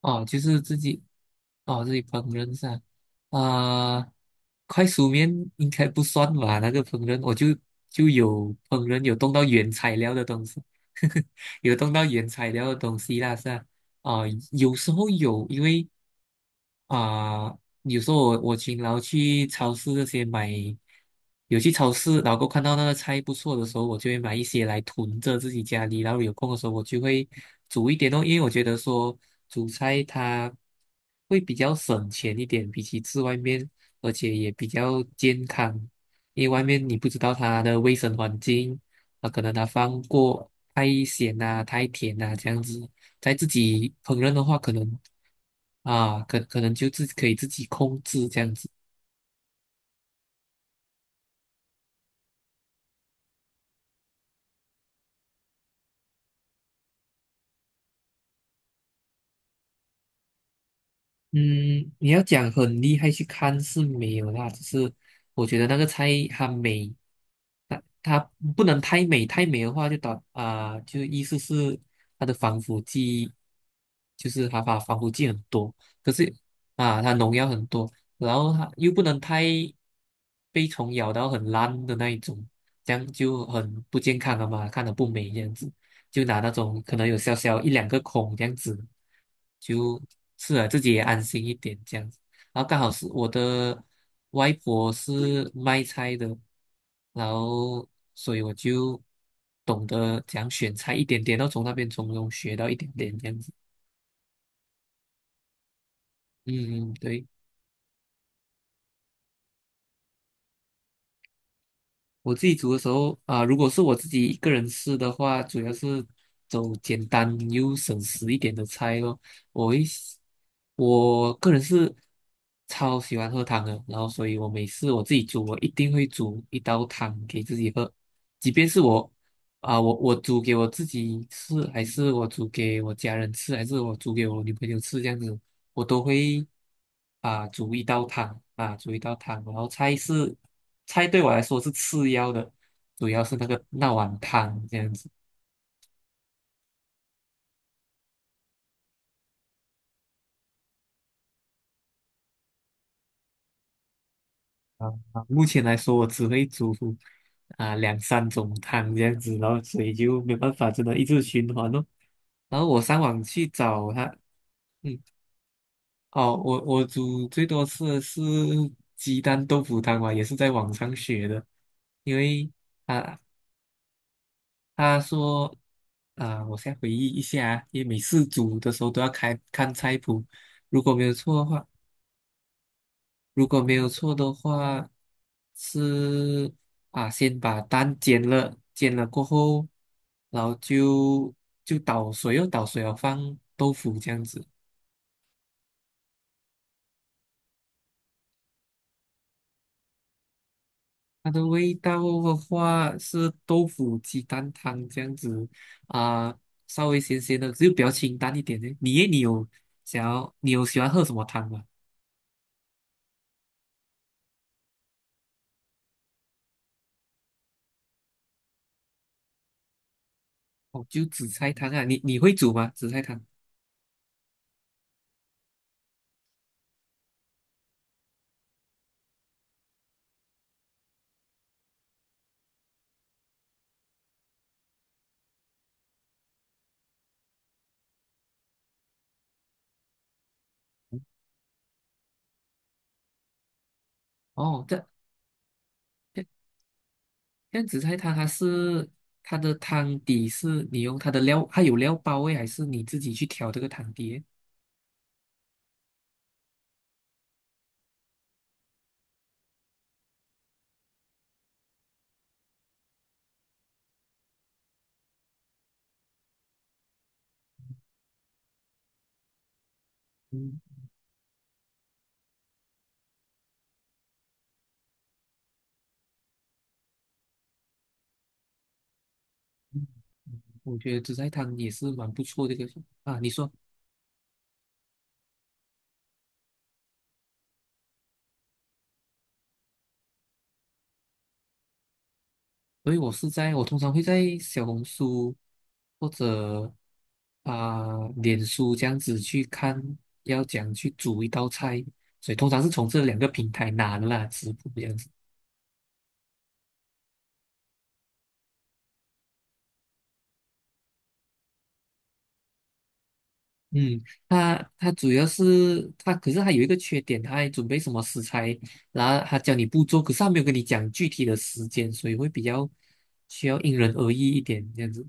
哦，就是自己哦自己烹饪噻，啊、快熟面应该不算吧？那个烹饪我就就有烹饪有动到原材料的东西，有动到原材料的东西啦，是啊，啊、有时候有因为。啊、有时候我勤劳去超市这些买，有去超市，然后过后看到那个菜不错的时候，我就会买一些来囤着自己家里，然后有空的时候我就会煮一点哦，因为我觉得说煮菜它会比较省钱一点，比起吃外面，而且也比较健康，因为外面你不知道它的卫生环境，啊，可能它放过太咸啊、太甜啊这样子，在自己烹饪的话，可能啊，可以自己控制这样子。嗯，你要讲很厉害去看是没有啦，只是我觉得那个菜它美，它不能太美，太美的话就导啊、就意思是它的防腐剂，就是它把防腐剂很多，可是啊，它农药很多，然后它又不能太被虫咬到很烂的那一种，这样就很不健康了嘛，看着不美这样子，就拿那种可能有小小一两个孔这样子，就是啊，自己也安心一点这样。然后刚好是我的外婆是卖菜的，然后所以我就懂得讲选菜一点点，然后从那边从中学到一点点这样子。嗯，嗯对。我自己煮的时候如果是我自己一个人吃的话，主要是走简单又省时一点的菜咯。我会喜我个人是超喜欢喝汤的，然后所以我每次我自己煮，我一定会煮一道汤给自己喝，即便是我煮给我自己吃，还是我煮给我家人吃，还是我煮给我女朋友吃，这样子我都会啊煮一道汤啊煮一道汤，然后菜对我来说是次要的，主要是那个那碗汤这样子。啊。目前来说，我只会煮两三种汤这样子，然后所以就没办法，真的一直循环咯。然后我上网去找它，嗯，哦，我我煮最多吃的是鸡蛋豆腐汤嘛，也是在网上学的，因为。啊，他说我先回忆一下，因为每次煮的时候都要看看菜谱，如果没有错的话，如果没有错的话是啊，先把蛋煎了，煎了过后，然后就就倒水哦，倒水哦，放豆腐这样子。它的味道的话是豆腐鸡蛋汤这样子，啊、稍微咸咸的，就比较清淡一点的。你有想要，你有喜欢喝什么汤吗？哦，就紫菜汤啊，你你会煮吗？紫菜汤？哦，这这样紫菜汤它是它的汤底是你用它的料，它有料包味，还是你自己去调这个汤底诶？嗯，我觉得紫菜汤也是蛮不错的一个。啊。你说，所以我是在我通常会在小红书或者脸书这样子去看要怎样去煮一道菜，所以通常是从这两个平台拿的啦，食谱这样子。嗯，他他主要是他，可是他有一个缺点，他还准备什么食材，然后他教你步骤，可是他没有跟你讲具体的时间，所以会比较需要因人而异一点这样子。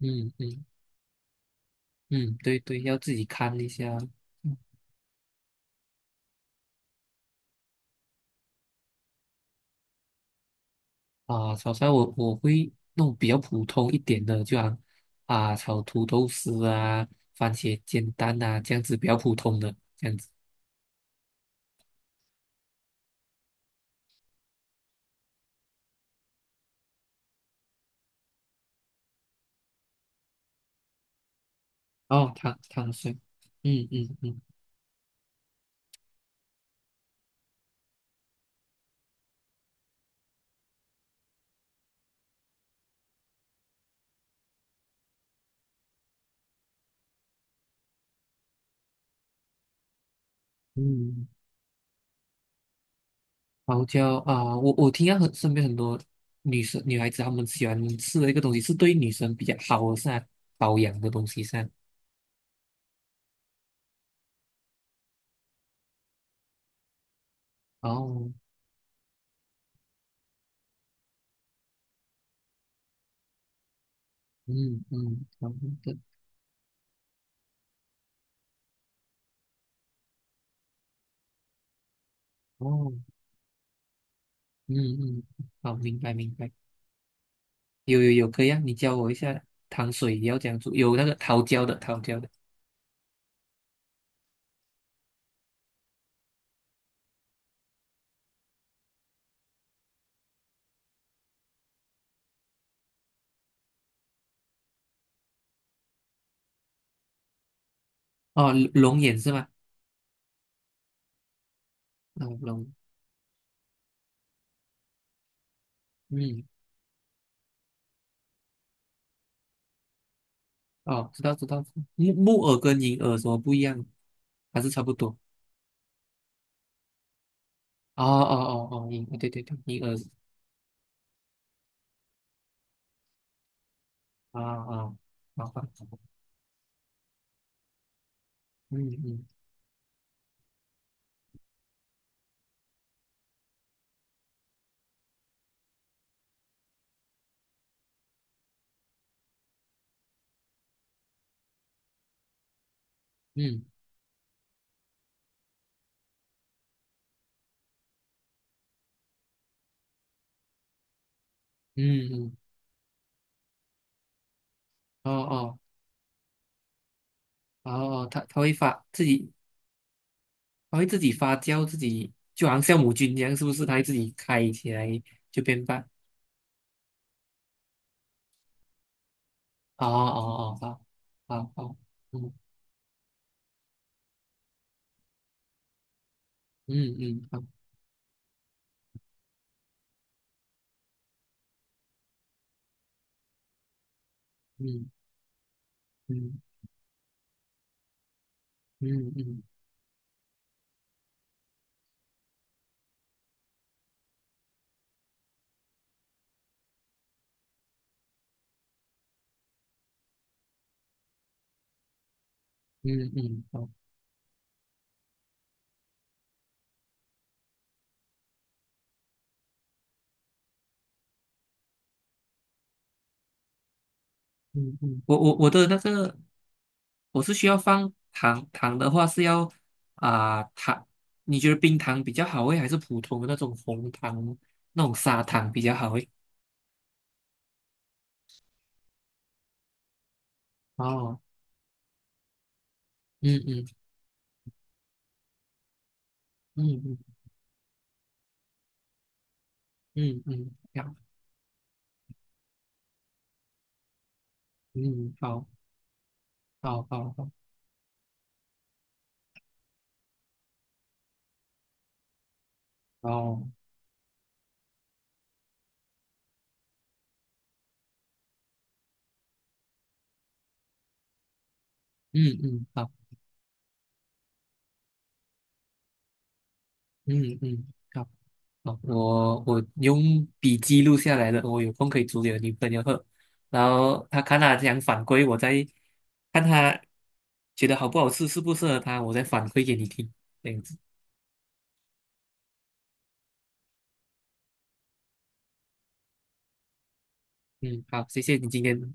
嗯嗯嗯，对对，要自己看一下。嗯。炒菜我会弄比较普通一点的，就像啊炒土豆丝番茄煎蛋啊这样子比较普通的这样子。哦，汤汤水，嗯嗯嗯嗯。桃胶啊，我我听到很身边很多女生女孩子，她们喜欢吃的一个东西是对女生比较好的噻，保养的东西噻。哦，嗯嗯，好的。哦，嗯嗯，好，明白明白。有有有，可以啊，你教我一下糖水要怎样做，有那个桃胶的。哦，龙眼是吗？哦，龙，嗯，哦，知道知道。木耳跟银耳什么不一样？还是差不多？哦哦哦哦，银，对对对，银耳。啊。啊，麻烦。嗯嗯嗯嗯嗯。哦哦哦哦，它它会发自己，它会自己发酵，自己就好像酵母菌一样，是不是？它会自己开起来就变大。哦哦哦，好，好好。嗯嗯嗯，好。嗯嗯嗯嗯嗯嗯，好。嗯嗯，我我的那个我是需要放糖，糖的话是要糖，你觉得冰糖比较好诶，还是普通的那种红糖那种砂糖比较好诶？哦。嗯嗯嗯嗯嗯嗯，好。嗯，好，好，好。好，好。嗯嗯，好。嗯嗯，好，好，我我用笔记录下来了，我有空可以煮给我女朋友喝，然后她看她这样反馈，我再看她觉得好不好吃，适不适合她，我再反馈给你听，这样子。嗯，好，谢谢你今天，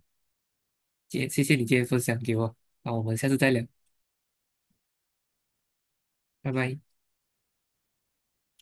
谢谢你今天分享给我，那我们下次再聊，拜拜。